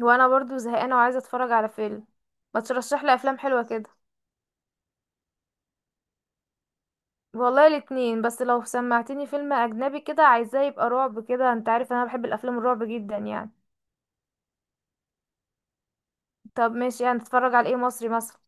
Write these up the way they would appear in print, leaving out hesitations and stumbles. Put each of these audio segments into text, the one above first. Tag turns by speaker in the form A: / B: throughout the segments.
A: وانا برضو زهقانه وعايزه اتفرج على فيلم. ما ترشح لي افلام حلوه كده. والله الاتنين، بس لو سمعتني فيلم اجنبي كده عايزاه يبقى رعب كده، انت عارف انا بحب الافلام الرعب جدا يعني. طب ماشي، يعني نتفرج على ايه مصري مثلا؟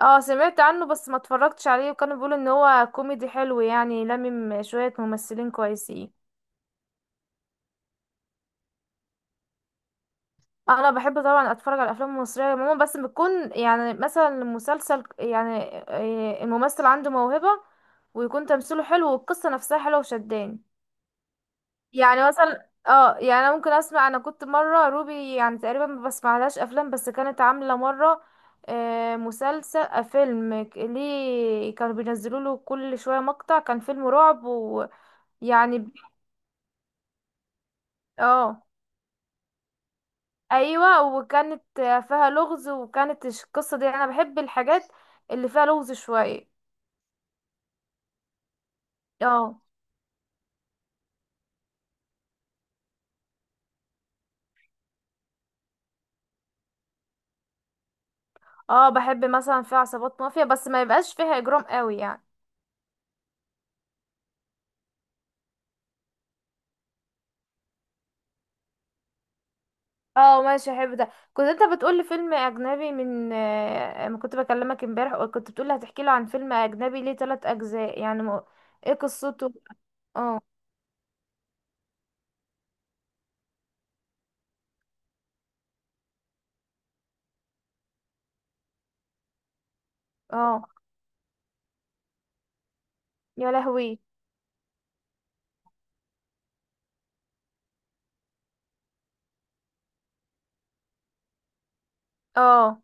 A: اه سمعت عنه بس ما اتفرجتش عليه، وكانوا بيقولوا ان هو كوميدي حلو يعني لمم شويه ممثلين كويسين. انا بحب طبعا اتفرج على الافلام المصريه عموما، بس بتكون يعني مثلا المسلسل يعني الممثل عنده موهبه، ويكون تمثيله حلو والقصه نفسها حلوه وشداني. يعني مثلا اه يعني انا ممكن اسمع، انا كنت مره روبي يعني تقريبا ما بسمعلهاش افلام، بس كانت عامله مره مسلسل فيلم ليه كانوا بينزلوا له كل شويه مقطع، كان فيلم رعب ويعني اه ايوه، وكانت فيها لغز، وكانت القصه دي، انا بحب الحاجات اللي فيها لغز شويه. اه اه بحب مثلا فيها عصابات مافيا، بس ما يبقاش فيها اجرام قوي يعني. اه ماشي، احب ده. كنت انت بتقول لي فيلم اجنبي من ما كنت بكلمك امبارح، وكنت بتقول لي هتحكي لي عن فيلم اجنبي ليه ثلاث اجزاء، يعني ما... ايه قصته؟ اه اه يا لهوي. اه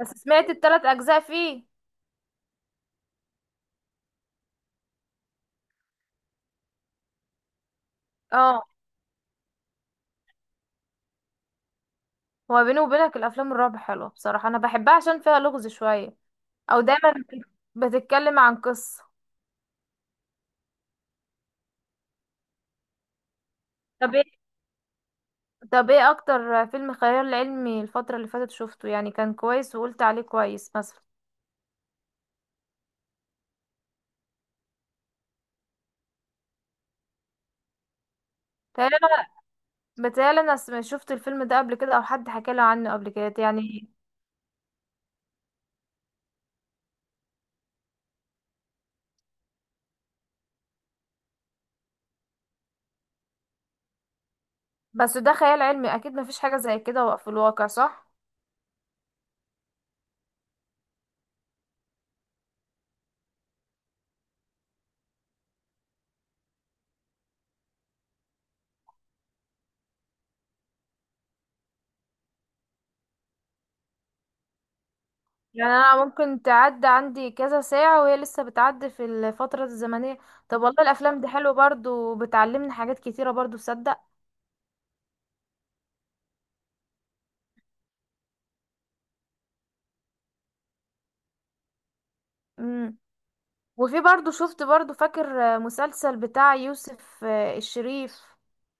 A: بس سمعت الثلاث اجزاء فيه. اه هو بيني وبينك الافلام الرعب حلوه بصراحه، انا بحبها عشان فيها لغز شويه، او دايما بتتكلم عن قصه. طب ايه، طب ايه اكتر فيلم خيال علمي الفتره اللي فاتت شفته يعني كان كويس وقلت عليه كويس مثلا؟ تقريبا. بتهيألي انا شفت الفيلم ده قبل كده، او حد حكى لي عنه قبل كده يعني. بس ده خيال علمي، اكيد مفيش حاجة زي كده في الواقع، صح؟ يعني انا ممكن تعدي عندي كذا ساعة وهي لسه بتعدي في الفترة الزمنية. طب والله الافلام دي حلوة برضو، وبتعلمني حاجات كتيرة برضو، تصدق. وفي برضو شفت برضو، فاكر مسلسل بتاع يوسف الشريف،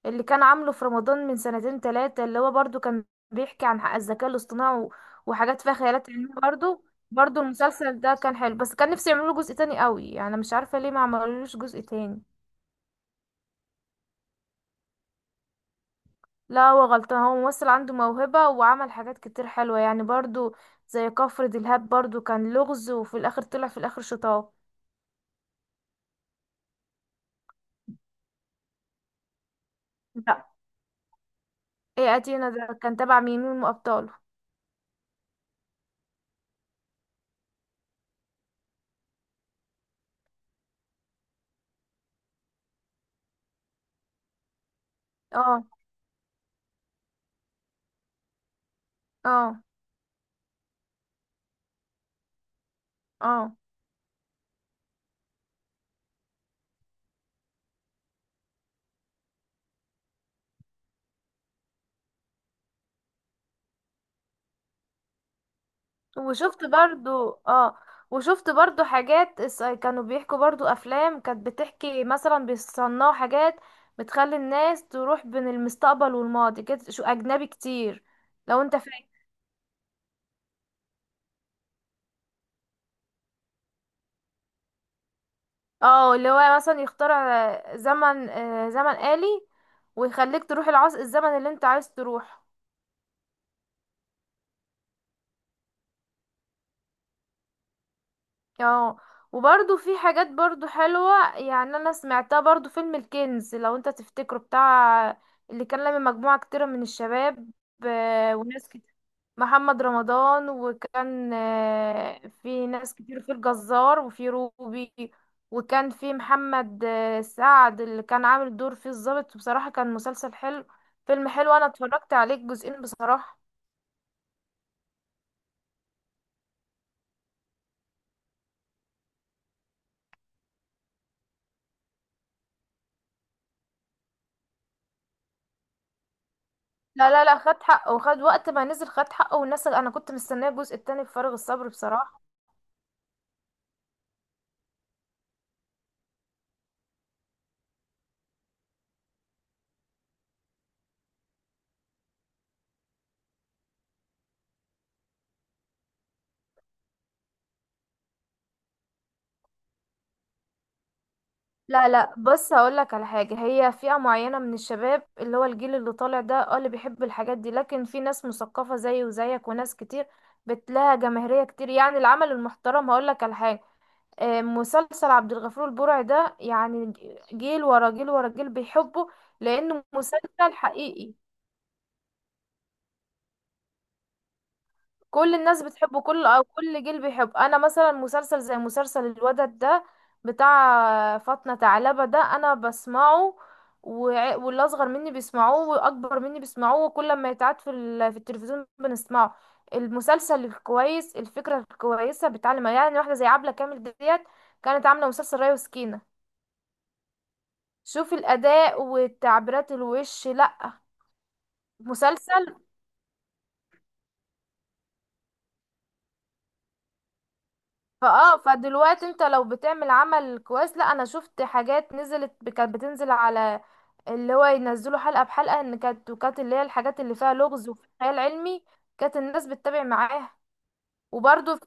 A: اللي كان عامله في رمضان من سنتين تلاتة؟ اللي هو برضو كان بيحكي عن حق الذكاء الاصطناعي وحاجات فيها خيالات علمية برضو. برضو المسلسل ده كان حلو، بس كان نفسي يعملوا جزء تاني قوي، يعني مش عارفة ليه ما عملولوش جزء تاني. لا هو غلطان، هو ممثل عنده موهبة وعمل حاجات كتير حلوة يعني برضو، زي كفر دلهاب برضو، كان لغز وفي الآخر طلع في الآخر شطاه. لا، ايه أتينا ده، كان تبع مين من أبطاله؟ اه اه اه وشفت برضو. اه وشفت برضو حاجات كانوا بيحكوا برضو افلام كانت بتحكي مثلا بيصنعوا حاجات بتخلي الناس تروح بين المستقبل والماضي كده، شو اجنبي كتير، لو انت فاكر. اه اللي هو مثلا يخترع زمن زمن آلي، ويخليك تروح العصر الزمن اللي انت عايز تروح. اه وبرضو في حاجات برضو حلوة يعني، انا سمعتها برضو، فيلم الكنز لو انت تفتكره، بتاع اللي كان لما مجموعة كتيرة من الشباب، وناس كتير، محمد رمضان، وكان في ناس كتير، في الجزار وفي روبي، وكان في محمد سعد اللي كان عامل دور فيه الضابط. بصراحة كان مسلسل حلو، فيلم حلو، انا اتفرجت عليه الجزئين بصراحة. لا لا لا، خد حقه، وخد وقت ما نزل خد حقه والناس، انا كنت مستنيه الجزء التاني بفارغ الصبر بصراحه. لا لا، بص هقولك على حاجه، هي فئه معينه من الشباب، اللي هو الجيل اللي طالع ده اه اللي بيحب الحاجات دي، لكن في ناس مثقفه زيي وزيك وناس كتير، بتلاقي جماهيريه كتير يعني العمل المحترم. هقولك على حاجه، مسلسل عبد الغفور البرعي ده، يعني جيل ورا جيل ورا جيل بيحبه، لانه مسلسل حقيقي. كل الناس بتحبه، كل او كل جيل بيحب. انا مثلا مسلسل زي مسلسل الودد ده بتاع فاطمة ثعلبة ده انا بسمعه، واللي اصغر مني بيسمعوه واكبر مني بيسمعوه، وكل ما يتعاد في في التلفزيون بنسمعه. المسلسل الكويس، الفكرة الكويسة بتعلم، يعني واحدة زي عبلة كامل ديت كانت عاملة مسلسل ريا وسكينة، شوفي الاداء وتعبيرات الوش. لا مسلسل فاه، فدلوقتي انت لو بتعمل عمل كويس، لا انا شفت حاجات نزلت كانت بتنزل على اللي هو ينزلوا حلقة بحلقة، ان كانت وكانت اللي هي الحاجات اللي فيها لغز وفي خيال علمي، كانت الناس بتتابع معاها. وبرضو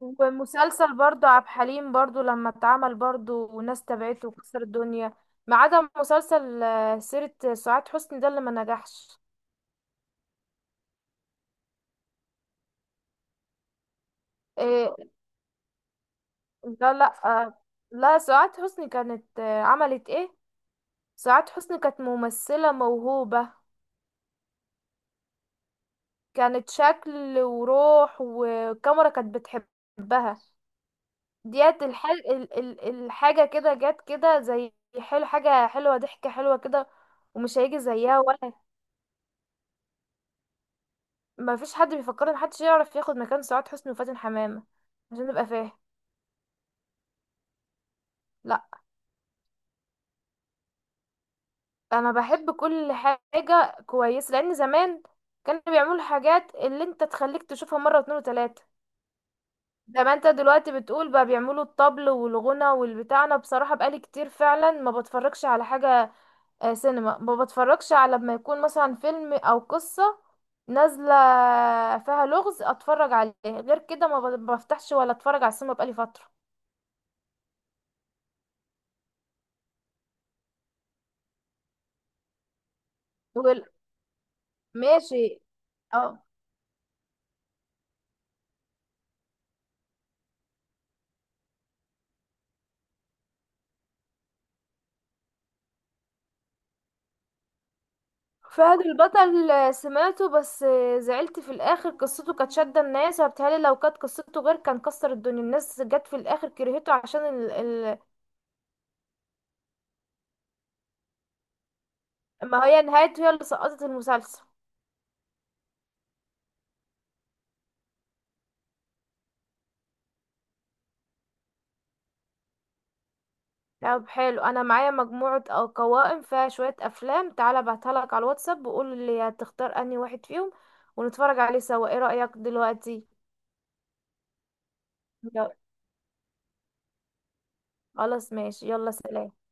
A: ومسلسل برضو عبد الحليم برضو لما اتعمل، برضو وناس تابعته وكسر الدنيا، ما عدا مسلسل سيرة سعاد حسني ده اللي ما نجحش. إيه؟ لا لا لا، سعاد حسني كانت عملت ايه. سعاد حسني كانت ممثلة موهوبة، كانت شكل وروح والكاميرا كانت بتحبها. ديت الحاجة كده جت كده، زي حلو، حاجة حلوة، ضحكة حلوة كده، ومش هيجي زيها ولا. ما فيش حد بيفكر، ان محدش يعرف ياخد مكان سعاد حسني وفاتن حمامة، عشان نبقى فاهم. لا انا بحب كل حاجة كويسة، لان زمان كانوا بيعملوا حاجات اللي انت تخليك تشوفها مرة واتنين وتلاتة. زي ما انت دلوقتي بتقول، بقى بيعملوا الطبل والغنى والبتاع، انا بصراحة بقالي كتير فعلا ما بتفرجش على حاجة، سينما ما بتفرجش، على لما يكون مثلا فيلم او قصة نازلة فيها لغز اتفرج عليه، غير كده ما بفتحش ولا اتفرج على السينما بقالي فترة. وال- ماشي. اه فهد البطل سمعته، بس زعلت في الاخر، قصته كانت شادة الناس، وبالتالي لو كانت قصته غير كان كسر الدنيا، الناس جت في الاخر كرهته عشان ما هي نهايته هي اللي سقطت المسلسل. طب حلو، انا معايا مجموعة او قوائم فيها شوية افلام، تعالى ابعتها لك على الواتساب وقول لي هتختار انهي واحد فيهم، ونتفرج عليه سوا، ايه رأيك دلوقتي؟ يلا، خلاص ماشي، يلا سلام.